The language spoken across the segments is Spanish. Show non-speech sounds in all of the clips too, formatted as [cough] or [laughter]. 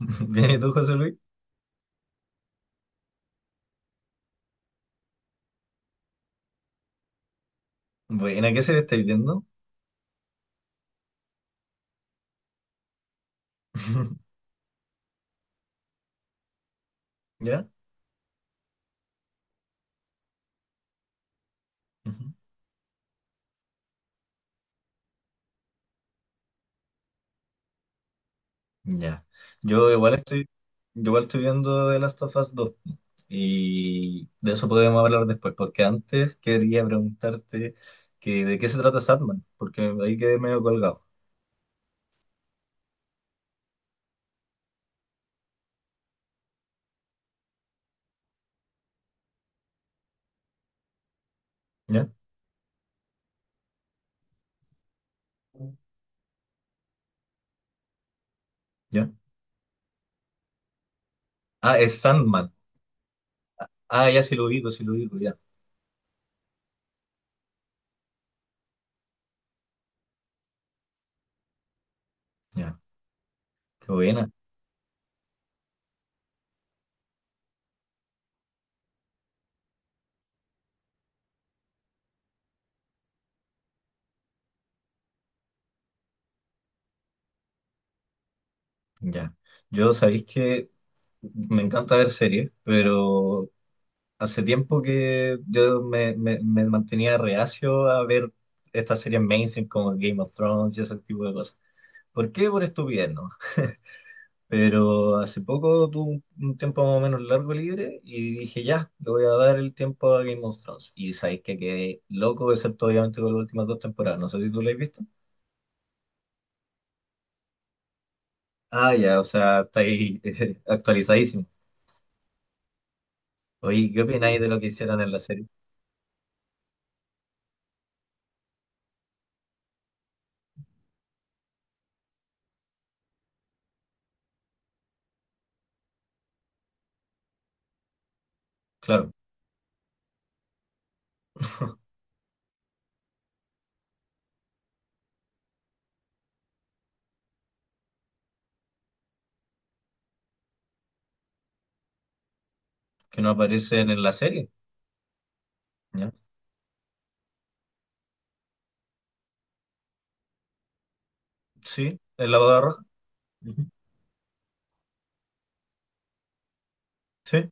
[laughs] Bien, ¿y tú, José Luis? Buena, ¿qué serie estáis viendo? [laughs] ¿Ya? Ujú. Ya. Yo igual estoy, yo igual estoy viendo The Last of Us 2. Y de eso podemos hablar después, porque antes quería preguntarte que de qué se trata Sandman, porque ahí quedé medio colgado. ¿Ya? ¿Ya? Ah, es Sandman. Ah, ya sí lo ubico, ya. Ya. Qué buena. Ya. Yo sabéis que me encanta ver series, pero hace tiempo que yo me mantenía reacio a ver estas series mainstream como Game of Thrones y ese tipo de cosas. ¿Por qué? Por estupidez, ¿no? Pero hace poco tuve un tiempo más o menos largo libre y dije, ya, le voy a dar el tiempo a Game of Thrones. Y sabéis que quedé loco, excepto obviamente con las últimas dos temporadas. No sé si tú lo has visto. Ah, ya, o sea, está ahí [laughs] actualizadísimo. Oye, ¿qué opináis de lo que hicieron en la serie? Claro, que no aparecen en la serie, ¿ya? Sí, en la boda roja. Ujú. Sí.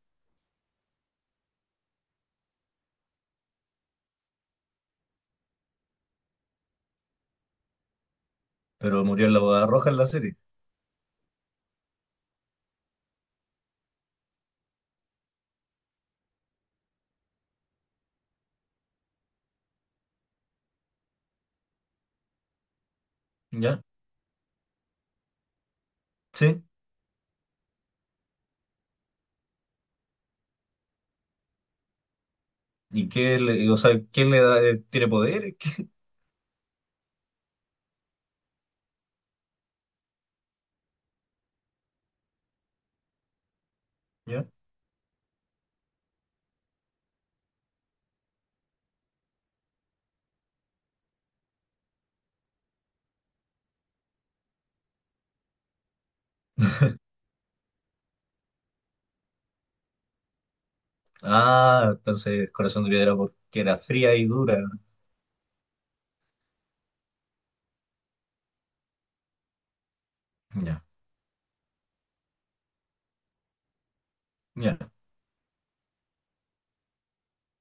Pero murió en la boda roja en la serie, ¿ya? Sí. ¿Y qué le, o sea, quién le da, tiene poder? [laughs] ¿Qué? ¿Ya? Ah, entonces Corazón de Piedra porque era fría y dura. Ya, ya.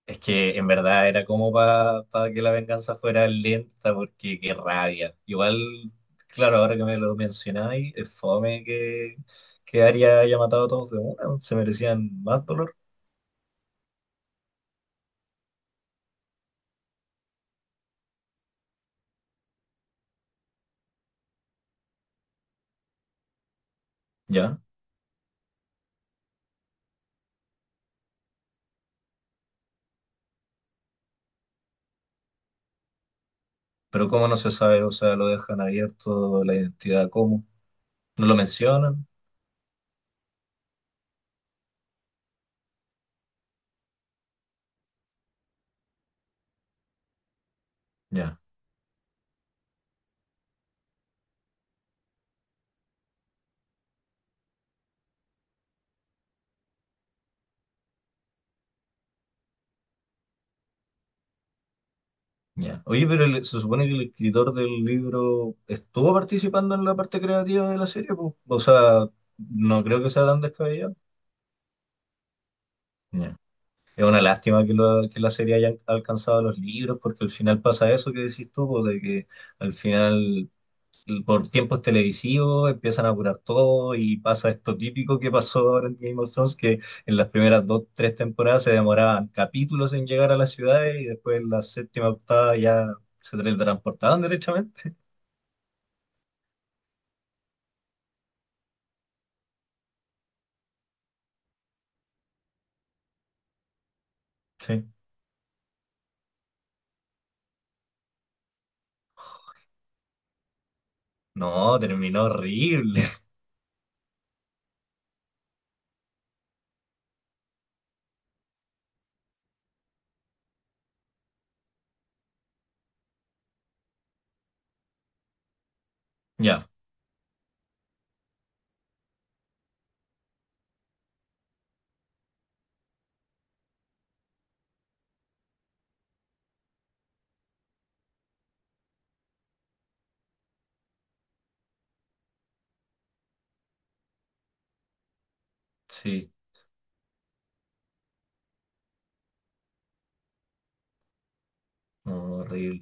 Es que en verdad era como para que la venganza fuera lenta, porque qué rabia. Igual, claro, ahora que me lo mencionáis, es fome que, Arya haya matado a todos de una, se merecían más dolor. Ya, pero cómo no se sabe, o sea, lo dejan abierto, la identidad, ¿cómo? No lo mencionan. Ya. Ya. Oye, pero el- se supone que... el escritor del libro estuvo participando en la parte creativa de la serie, pues. O sea, no creo que sea tan descabellado. Ya. Es una lástima que, lo- que la serie haya alcanzado los libros, porque al final pasa eso que decís tú, pues, de que al final, por tiempos televisivos, empiezan a apurar todo y pasa esto típico que pasó ahora en Game of Thrones, que en las primeras dos, tres temporadas se demoraban capítulos en llegar a las ciudades y después en la séptima, octava ya se teletransportaban derechamente. Sí. No, terminó horrible. [laughs] Ya, sí, no, horrible.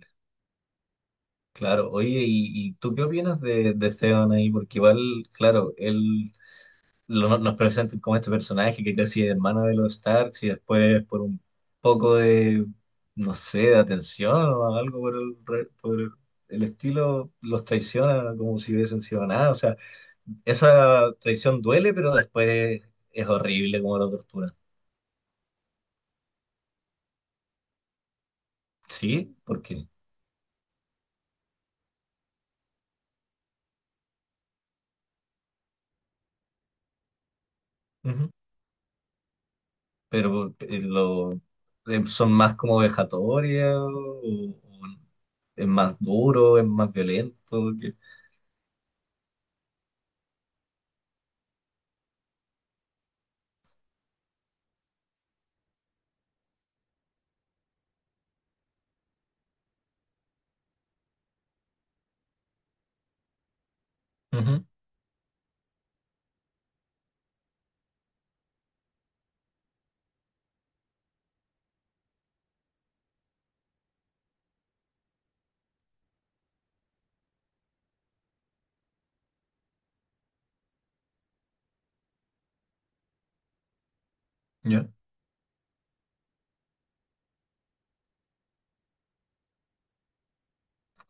Claro, oye, y tú qué opinas de Theon ahí? Porque igual, claro, él lo- no, nos presentan como este personaje que casi es hermano de los Starks y después por un poco de, no sé, de atención o algo por el, re- por el estilo, los traiciona como si hubiesen sido nada. O sea, esa traición duele, pero después es horrible como la tortura. Sí, ¿por qué? Pero lo, son más como vejatorias o es más duro, es más violento. Que- Ujú, ya,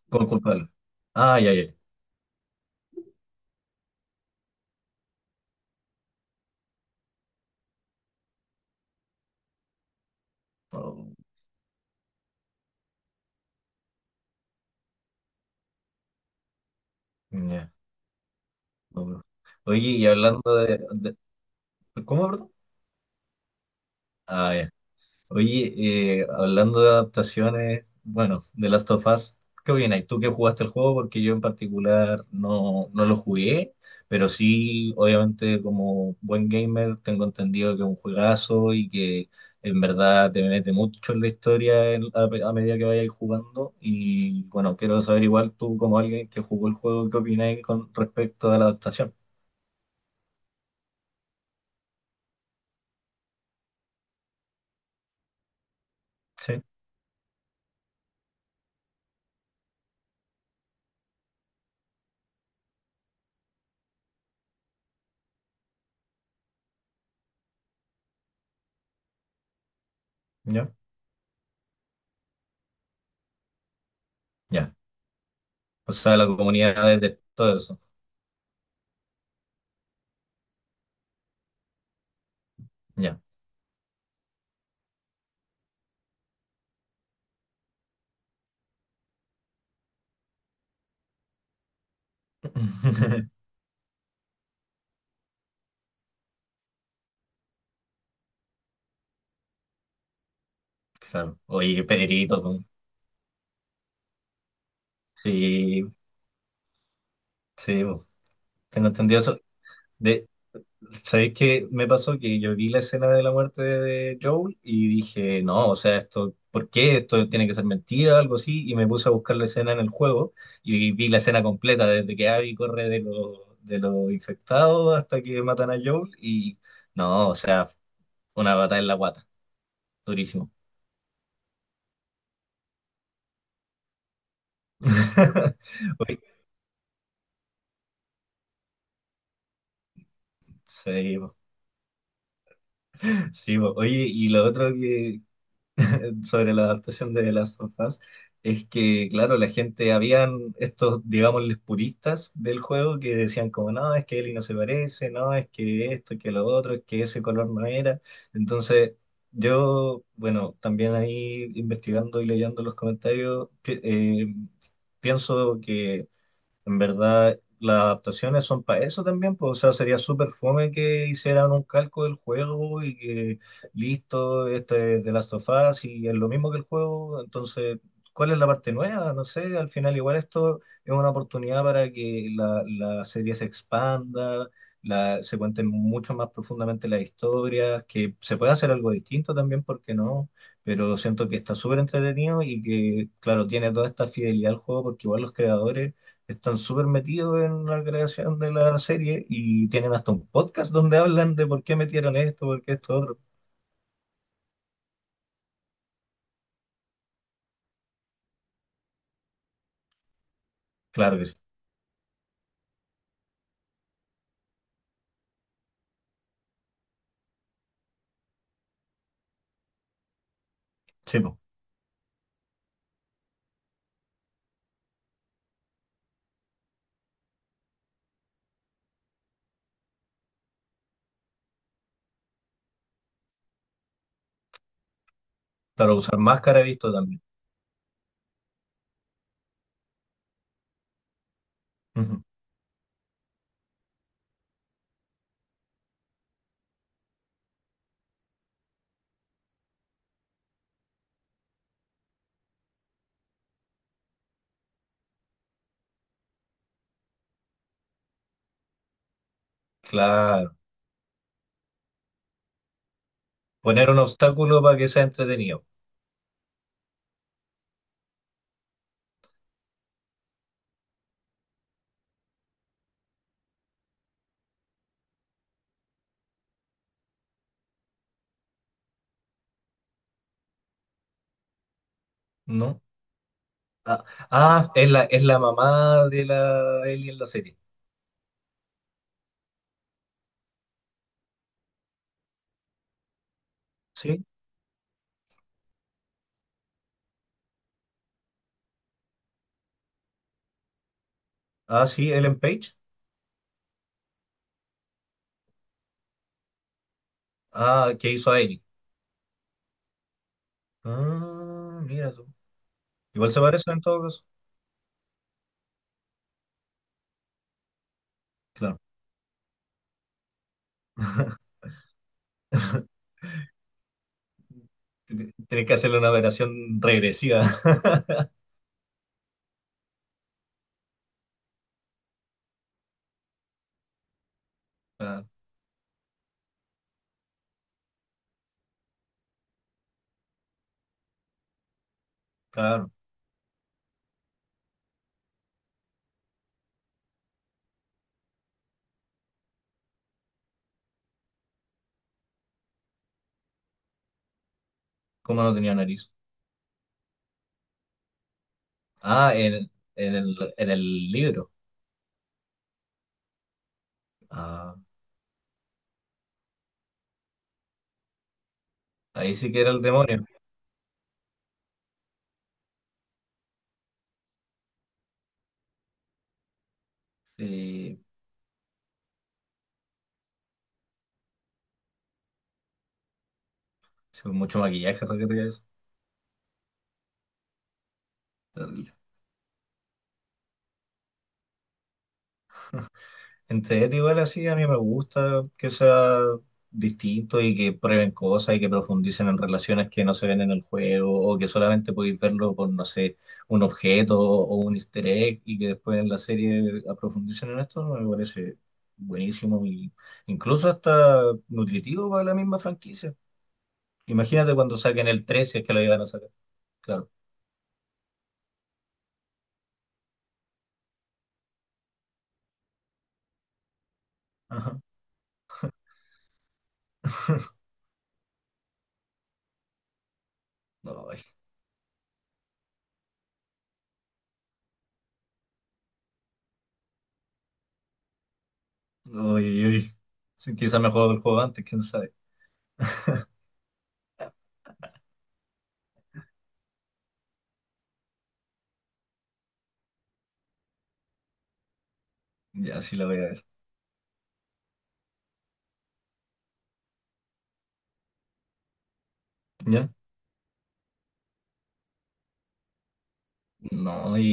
Con culpable. Ah, ya, ya. Oh, ya. no, no. Oye, y hablando de- ¿Cómo, perdón? Ah, ya. Oye, hablando de adaptaciones, bueno, de Last of Us, ¿qué opinas? ¿Tú que jugaste el juego? Porque yo en particular no, no lo jugué, pero sí, obviamente como buen gamer tengo entendido que es un juegazo y que en verdad te mete mucho en la historia en- a medida que vayas jugando. Y bueno, quiero saber igual tú como alguien que jugó el juego, ¿qué opinas con respecto a la adaptación? ¿Sí? ¿Ya? Ya. O sea, la comunidad de todo eso. Ya. [laughs] Claro. Oye, qué Pedrito, tú. Sí, sí, bo. Tengo entendido eso. De, ¿sabéis qué me pasó? Que yo vi la escena de la muerte de Joel y dije, no, o sea, esto, ¿por qué? Esto tiene que ser mentira, algo así. Y me puse a buscar la escena en el juego y vi la escena completa, desde que Abby corre de los infectados hasta que matan a Joel. Y no, o sea, una batalla en la guata, durísimo. [laughs] Sí, bo. Sí, bo. Oye, y lo otro que, [laughs] sobre la adaptación de The Last of Us es que, claro, la gente, habían estos, digámosles, puristas del juego que decían como, no, es que Ellie no se parece, no, es que esto, que lo otro, es que ese color no era. Entonces, yo, bueno, también ahí investigando y leyendo los comentarios, pi- pienso que en verdad, las adaptaciones son para eso también, pues, o sea, sería súper fome que hicieran un calco del juego y que listo, este es The Last of Us y es lo mismo que el juego, entonces, ¿cuál es la parte nueva? No sé, al final igual esto es una oportunidad para que la serie se expanda, la, se cuenten mucho más profundamente las historias, que se pueda hacer algo distinto también, ¿por qué no? pero siento que está súper entretenido y que, claro, tiene toda esta fidelidad al juego porque igual los creadores están súper metidos en la creación de la serie y tienen hasta un podcast donde hablan de por qué metieron esto, por qué esto otro. Claro que sí. Sí, po. Claro, usar máscara he visto también. Ujú. Claro. Poner un obstáculo para que sea entretenido, ¿no? Ah, ah, es la mamá de la Ellie en la serie. Sí. Ah, sí, Ellen Page. Ah, que hizo a Ellie. Ah, mira tú. Igual se parecen en todo caso. Claro. [laughs] Tienes que hacerle una operación regresiva. [laughs] Ah, Claro. ¿Cómo no tenía nariz? Ah, en el libro. Ah, ahí sí que era el demonio. Y sí, con mucho maquillaje, requería eso. Terrible. Entre Ed igual así, a mí me gusta que sea distinto y que prueben cosas y que profundicen en relaciones que no se ven en el juego o que solamente podéis verlo por, no sé, un objeto o un easter egg y que después en la serie profundicen en esto, me parece buenísimo y incluso hasta nutritivo para la misma franquicia. Imagínate cuando saquen el 3, si es que lo iban a sacar. Claro. Ajá. [laughs] Ay, no, uy, uy. Sí, quizá me juego el juego antes, quién sabe. Ya, sí la voy a ver. ¿Ya? No,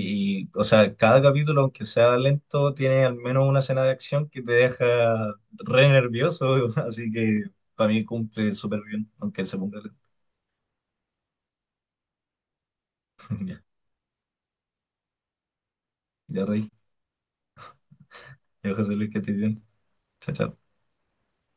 y, o sea, cada capítulo, aunque sea lento, tiene al menos una escena de acción que te deja re nervioso, [laughs] así que para mí cumple súper bien, aunque él se ponga lento. [laughs] Ya, ya, Rey. Ya, José Luis, que estés bien. Chao, chao.